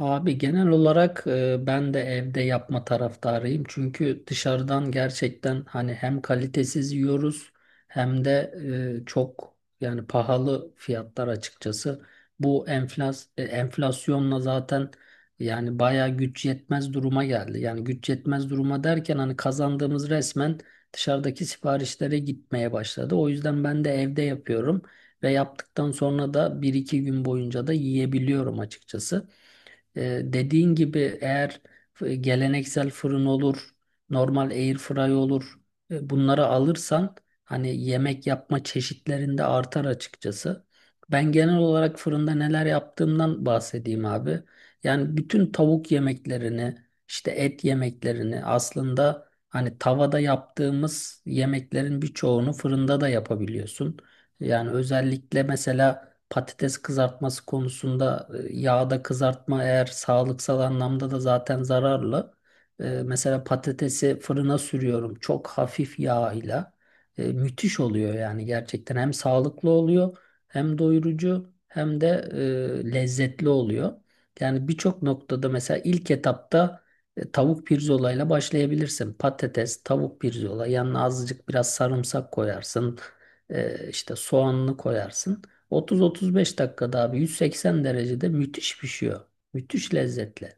Abi genel olarak ben de evde yapma taraftarıyım. Çünkü dışarıdan gerçekten hani hem kalitesiz yiyoruz hem de çok yani pahalı fiyatlar açıkçası. Bu enflasyonla zaten yani bayağı güç yetmez duruma geldi. Yani güç yetmez duruma derken hani kazandığımız resmen dışarıdaki siparişlere gitmeye başladı. O yüzden ben de evde yapıyorum ve yaptıktan sonra da bir iki gün boyunca da yiyebiliyorum açıkçası. Dediğin gibi eğer geleneksel fırın olur, normal air fry olur, bunları alırsan hani yemek yapma çeşitlerinde artar açıkçası. Ben genel olarak fırında neler yaptığımdan bahsedeyim abi. Yani bütün tavuk yemeklerini, işte et yemeklerini aslında hani tavada yaptığımız yemeklerin birçoğunu fırında da yapabiliyorsun. Yani özellikle mesela patates kızartması konusunda yağda kızartma eğer sağlıksal anlamda da zaten zararlı. Mesela patatesi fırına sürüyorum çok hafif yağ ile. Müthiş oluyor yani gerçekten hem sağlıklı oluyor hem doyurucu hem de lezzetli oluyor. Yani birçok noktada mesela ilk etapta tavuk pirzolayla başlayabilirsin. Patates, tavuk pirzola yanına azıcık biraz sarımsak koyarsın. İşte soğanını koyarsın. 30-35 dakikada abi 180 derecede müthiş pişiyor. Müthiş lezzetli.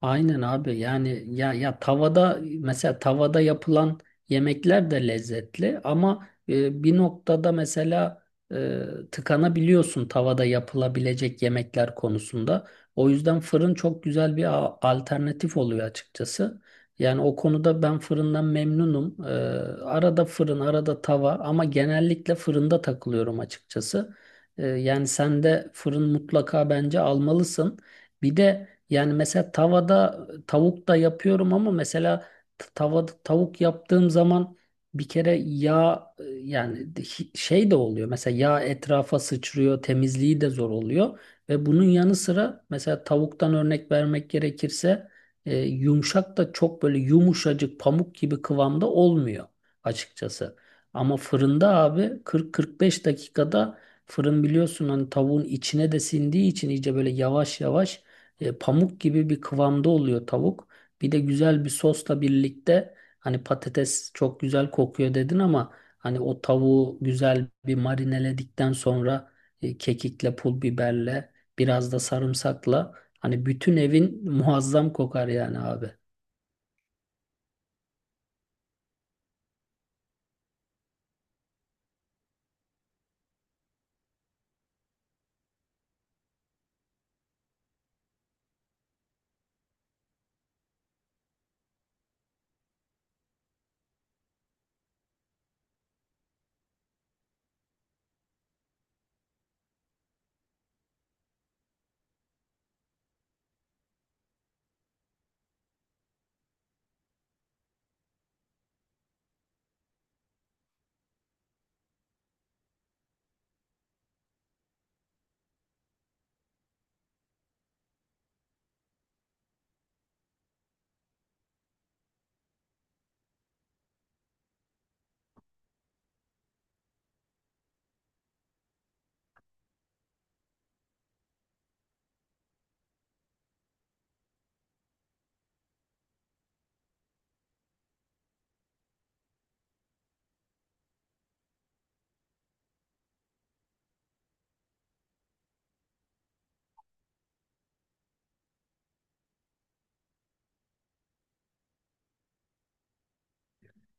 Aynen abi yani ya tavada mesela tavada yapılan yemekler de lezzetli ama bir noktada mesela e, tıkanabiliyorsun tavada yapılabilecek yemekler konusunda. O yüzden fırın çok güzel bir alternatif oluyor açıkçası. Yani o konuda ben fırından memnunum. Arada fırın, arada tava ama genellikle fırında takılıyorum açıkçası. Yani sen de fırın mutlaka bence almalısın. Bir de yani mesela tavada tavuk da yapıyorum ama mesela tavada tavuk yaptığım zaman bir kere yağ e, yani de- hi- şey de oluyor. Mesela yağ etrafa sıçrıyor, temizliği de zor oluyor ve bunun yanı sıra mesela tavuktan örnek vermek gerekirse yumuşak da çok böyle yumuşacık pamuk gibi kıvamda olmuyor açıkçası. Ama fırında abi 40-45 dakikada fırın biliyorsun hani tavuğun içine de sindiği için iyice böyle yavaş yavaş pamuk gibi bir kıvamda oluyor tavuk. Bir de güzel bir sosla birlikte hani patates çok güzel kokuyor dedin ama hani o tavuğu güzel bir marineledikten sonra kekikle, pul biberle, biraz da sarımsakla hani bütün evin muazzam kokar yani abi.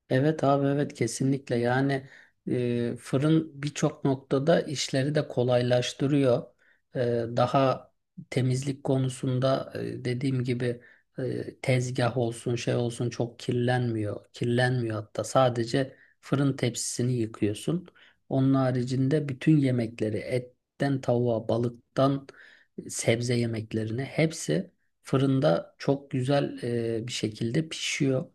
Evet abi, evet, kesinlikle yani fırın birçok noktada işleri de kolaylaştırıyor. E, Daha temizlik konusunda dediğim gibi tezgah olsun şey olsun çok kirlenmiyor. Kirlenmiyor, hatta sadece fırın tepsisini yıkıyorsun. Onun haricinde bütün yemekleri etten tavuğa, balıktan sebze yemeklerine hepsi fırında çok güzel bir şekilde pişiyor.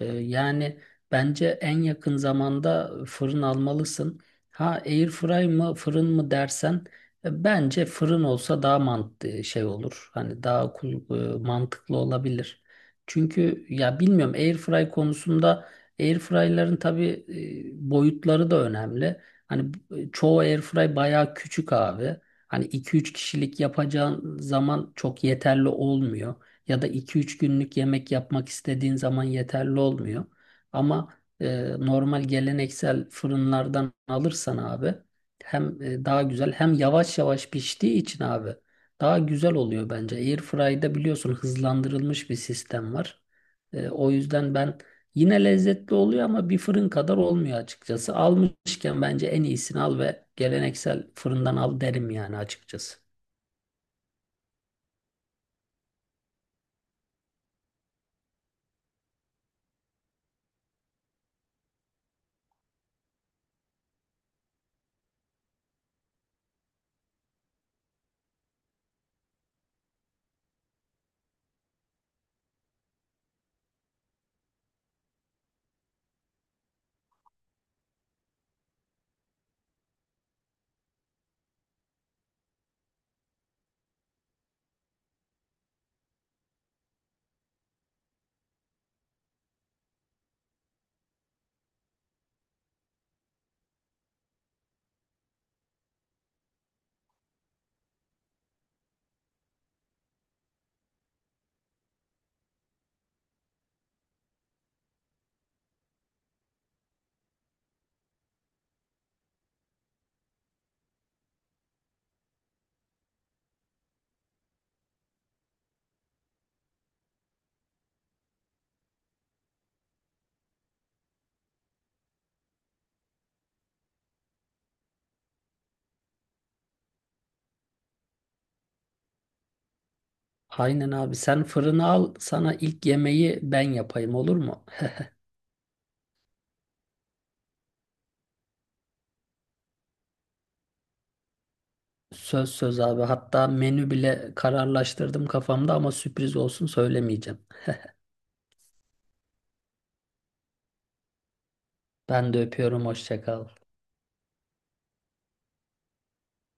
E, yani... Bence en yakın zamanda fırın almalısın. Ha airfry mı fırın mı dersen bence fırın olsa daha mantıklı şey olur. Hani daha mantıklı olabilir. Çünkü ya bilmiyorum airfry konusunda airfryların tabii boyutları da önemli. Hani çoğu airfry bayağı küçük abi. Hani iki üç kişilik yapacağın zaman çok yeterli olmuyor. Ya da iki üç günlük yemek yapmak istediğin zaman yeterli olmuyor. Ama normal geleneksel fırınlardan alırsan abi hem daha güzel, hem yavaş yavaş piştiği için abi daha güzel oluyor bence. Airfry'da biliyorsun hızlandırılmış bir sistem var. O yüzden ben yine lezzetli oluyor ama bir fırın kadar olmuyor açıkçası. Almışken bence en iyisini al ve geleneksel fırından al derim yani açıkçası. Aynen abi, sen fırını al, sana ilk yemeği ben yapayım, olur mu? Söz söz abi. Hatta menü bile kararlaştırdım kafamda ama sürpriz olsun, söylemeyeceğim. Ben de öpüyorum. Hoşça kal.